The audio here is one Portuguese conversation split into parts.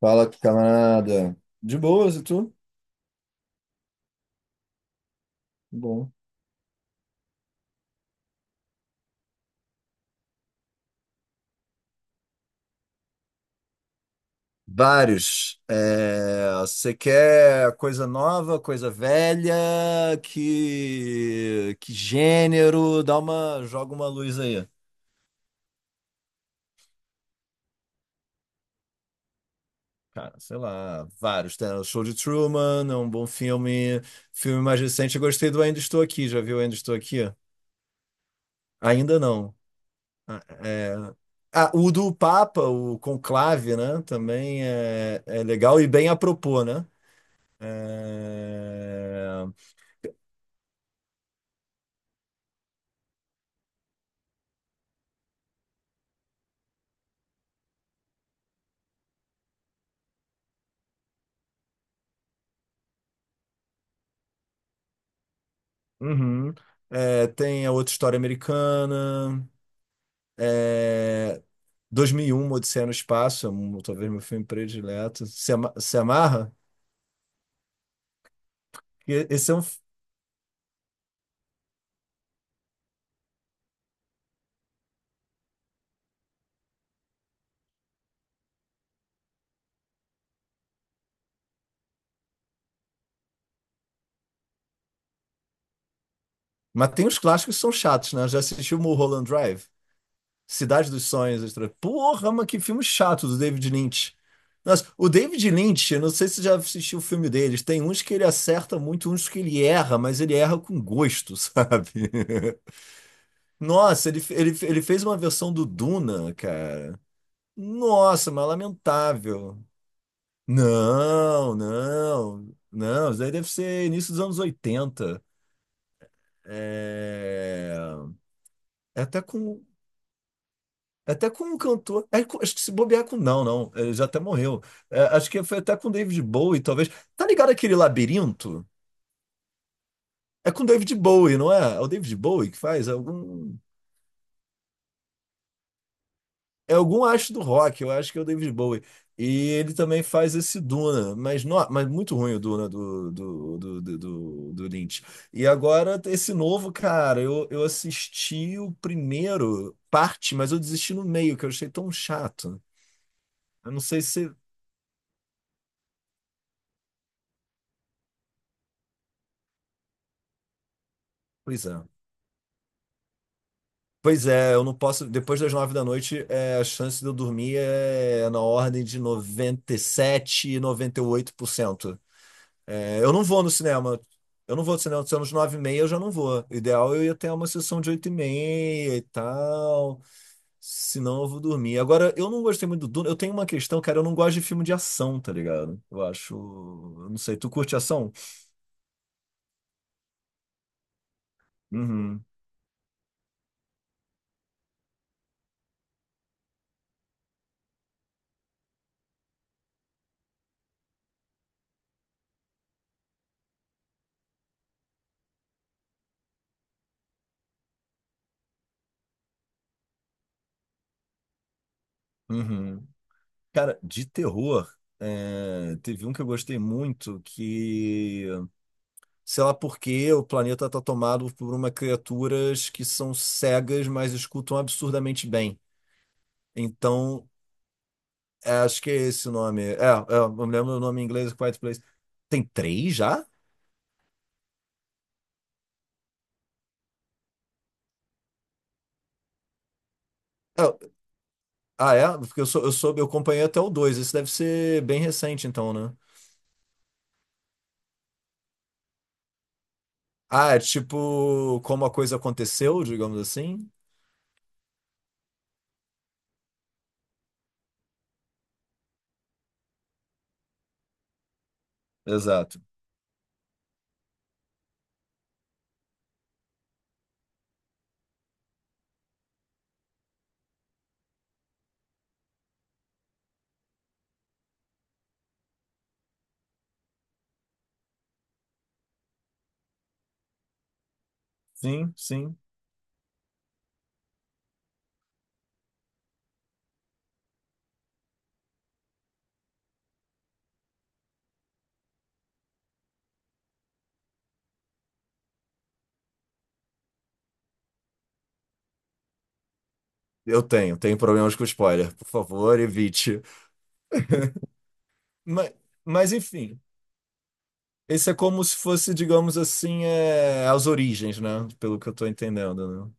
Fala, camarada. De boas, e tu? Bom. Vários. É, você quer coisa nova, coisa velha? Que gênero? Joga uma luz aí. Cara, sei lá, vários. Tem o Show de Truman, é um bom filme. Filme mais recente, eu gostei do Ainda Estou Aqui. Já viu Ainda Estou Aqui? Ainda não. Ah, é- ah, o do Papa, o Conclave, né? Também é legal e bem apropos, né? É... Uhum. É, tem a outra história americana. É... 2001, Uma Odisseia no Espaço, talvez meu filme predileto. Se amarra? E Esse é um... f- Mas tem uns clássicos que são chatos, né? Já assisti o Mulholland Drive, Cidade dos Sonhos. Porra, mas que filme chato do David Lynch. Nossa, o David Lynch, eu não sei se você já assistiu o filme deles. Tem uns que ele acerta muito, uns que ele erra, mas ele erra com gosto, sabe? Nossa, ele fez uma versão do Duna, cara. Nossa, mas lamentável. Não, não, não. Isso daí deve ser início dos anos 80. É, é até com. É até com um cantor. Acho que se bobear com. Não, não. Ele já até morreu. É, acho que foi até com David Bowie, talvez. Tá ligado aquele labirinto? É com David Bowie, não é? É o David Bowie que faz algum. É algum astro do rock, eu acho que é o David Bowie. E ele também faz esse Duna, mas, no, mas muito ruim o Duna do Lynch. E agora, esse novo, cara, eu assisti o primeiro parte, mas eu desisti no meio, que eu achei tão chato. Eu não sei se. Pois é. Pois é, eu não posso. Depois das 9 da noite, a chance de eu dormir é na ordem de noventa e sete, 98%. É, eu não vou no cinema. Eu não vou no cinema. Se é nos 9:30, eu já não vou. O ideal é eu ia ter uma sessão de 8:30 e tal. Senão eu vou dormir. Agora, eu não gostei muito do Duna. Eu tenho uma questão, cara. Eu não gosto de filme de ação, tá ligado? Eu acho. Eu não sei. Tu curte ação? Uhum. Uhum. Cara, de terror. É, teve um que eu gostei muito que, sei lá por quê, o planeta tá tomado por uma criaturas que são cegas, mas escutam absurdamente bem. Então, é, acho que é esse o nome. Eu me lembro o nome em inglês, Quiet Place. Tem três já? É, ah, é? Porque eu, sou, eu, soube, eu acompanhei até o dois. Esse deve ser bem recente, então, né? Ah, é tipo como a coisa aconteceu, digamos assim? Exato. Sim, sim. Eu tenho problemas com spoiler. Por favor, evite. Mas, mas enfim, esse é como se fosse, digamos assim, é, as origens, né? Pelo que eu tô entendendo, né?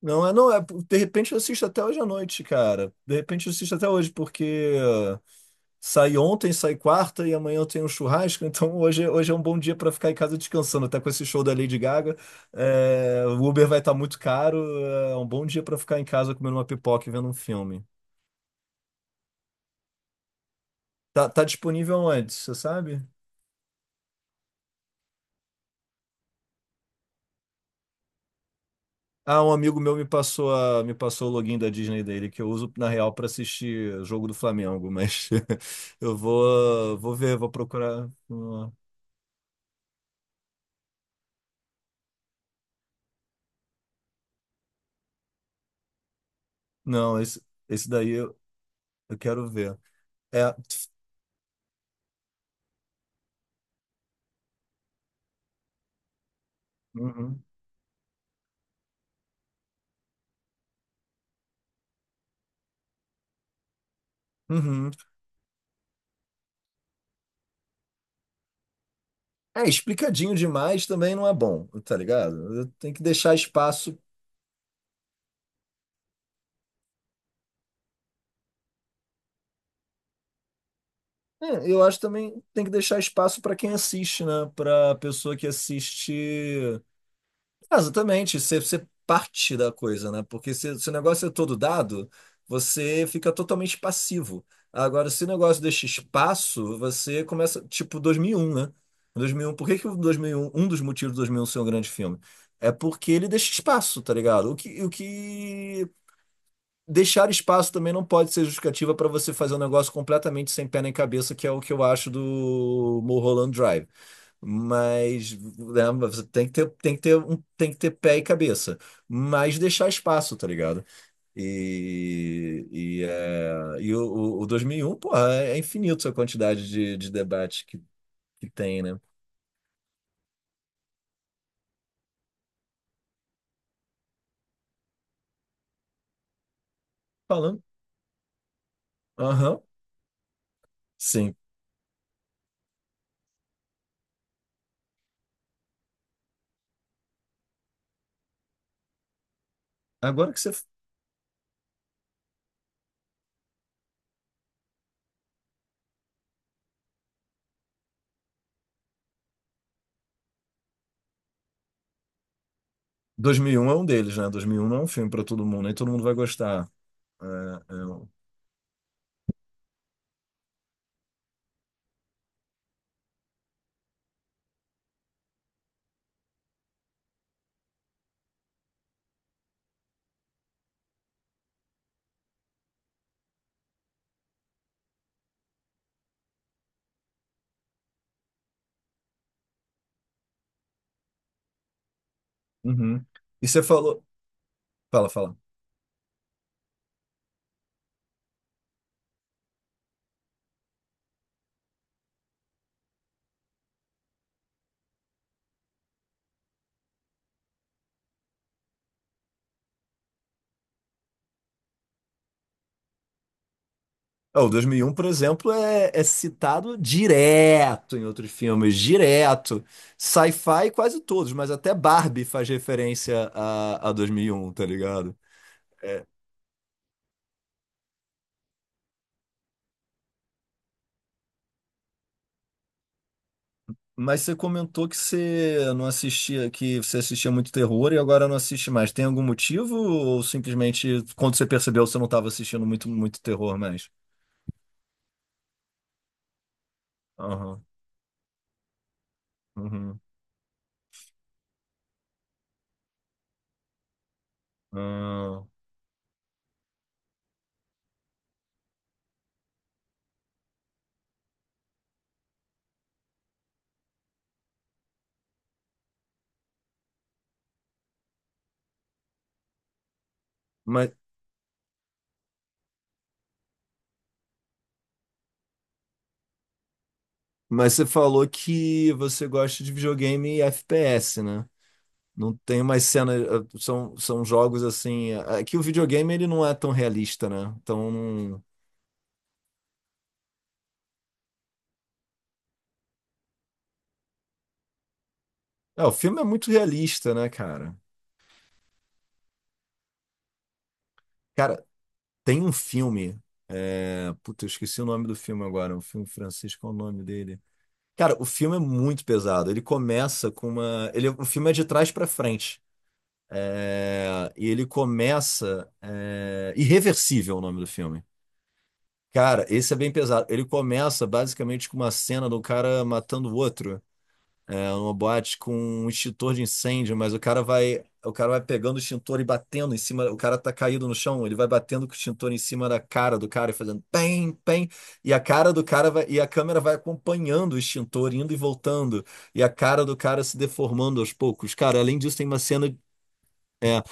Não, não. De repente eu assisto até hoje à noite, cara. De repente eu assisto até hoje, porque saí ontem, saí quarta e amanhã eu tenho um churrasco. Então hoje é um bom dia para ficar em casa descansando. Até com esse show da Lady Gaga, o Uber vai estar muito caro, é um bom dia para ficar em casa comendo uma pipoca e vendo um filme. Tá disponível onde, você sabe? Ah, um amigo meu me passou o login da Disney dele, que eu uso na real para assistir jogo do Flamengo, mas eu vou ver, vou procurar. Não, esse daí eu quero ver. É, uhum, uhum. É, explicadinho demais também não é bom, tá ligado? Tem que deixar espaço. É, eu acho também tem que deixar espaço para quem assiste, né? Para pessoa que assiste. Ah, exatamente, você parte da coisa, né? Porque se o negócio é todo dado, você fica totalmente passivo. Agora, se o negócio deixa espaço, você começa, tipo 2001, né? 2001, por que que o 2001, um dos motivos do 2001 ser um grande filme? É porque ele deixa espaço, tá ligado? O que deixar espaço também não pode ser justificativa para você fazer um negócio completamente sem pé nem cabeça, que é o que eu acho do Mulholland Drive. Mas né, você tem que ter, pé e cabeça, mas deixar espaço, tá ligado? E, o 2001, porra, é infinito a quantidade de debate que tem, né? Falando, aham, sim. Agora que você. 2001 é um deles, né? 2001 não é um filme pra todo mundo, nem todo mundo vai gostar. É, é um- Uhum. E você falou. Fala, fala. É, o 2001, por exemplo, é citado direto em outros filmes, direto. Sci-fi, quase todos, mas até Barbie faz referência a 2001, tá ligado? Mas você comentou que você não assistia, que você assistia muito terror e agora não assiste mais. Tem algum motivo ou simplesmente quando você percebeu você não estava assistindo muito terror mais? Aham, uhum, ah. Mas, mas você falou que você gosta de videogame e FPS, né? Não tem mais cenas, são jogos assim. Aqui o videogame ele não é tão realista, né? Então, não- é, o filme é muito realista, né, cara? Cara, tem um filme. Puta, eu esqueci o nome do filme agora. O filme francês, qual é o nome dele? Cara, o filme é muito pesado. Ele começa com uma. O filme é de trás pra frente. É, e ele começa. É, Irreversível é o nome do filme. Cara, esse é bem pesado. Ele começa basicamente com uma cena do cara matando o outro. É uma boate com um extintor de incêndio, mas o cara vai pegando o extintor e batendo em cima, o cara tá caído no chão, ele vai batendo com o extintor em cima da cara do cara e fazendo pem, pem, e a cara do cara vai, e a câmera vai acompanhando o extintor indo e voltando, e a cara do cara se deformando aos poucos. Cara, além disso tem uma cena. é,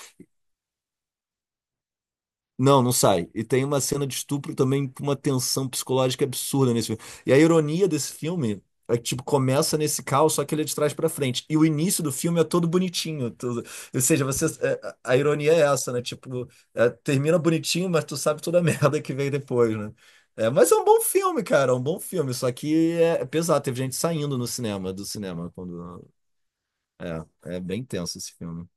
Não, não sai. E tem uma cena de estupro também com uma tensão psicológica absurda nesse filme. E a ironia desse filme é que, tipo, começa nesse caos, só que ele é de trás pra frente. E o início do filme é todo bonitinho. Tudo. Ou seja, a ironia é essa, né? Tipo, termina bonitinho, mas tu sabe toda a merda que vem depois, né? É, mas é um bom filme, cara. É um bom filme. Só que é pesado. Teve gente saindo no cinema, do cinema. Quando... É bem tenso esse filme.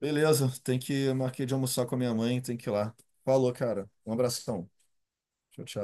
Beleza, tem que eu marquei de almoçar com a minha mãe, tem que ir lá. Falou, cara. Um abração. Tchau, tchau.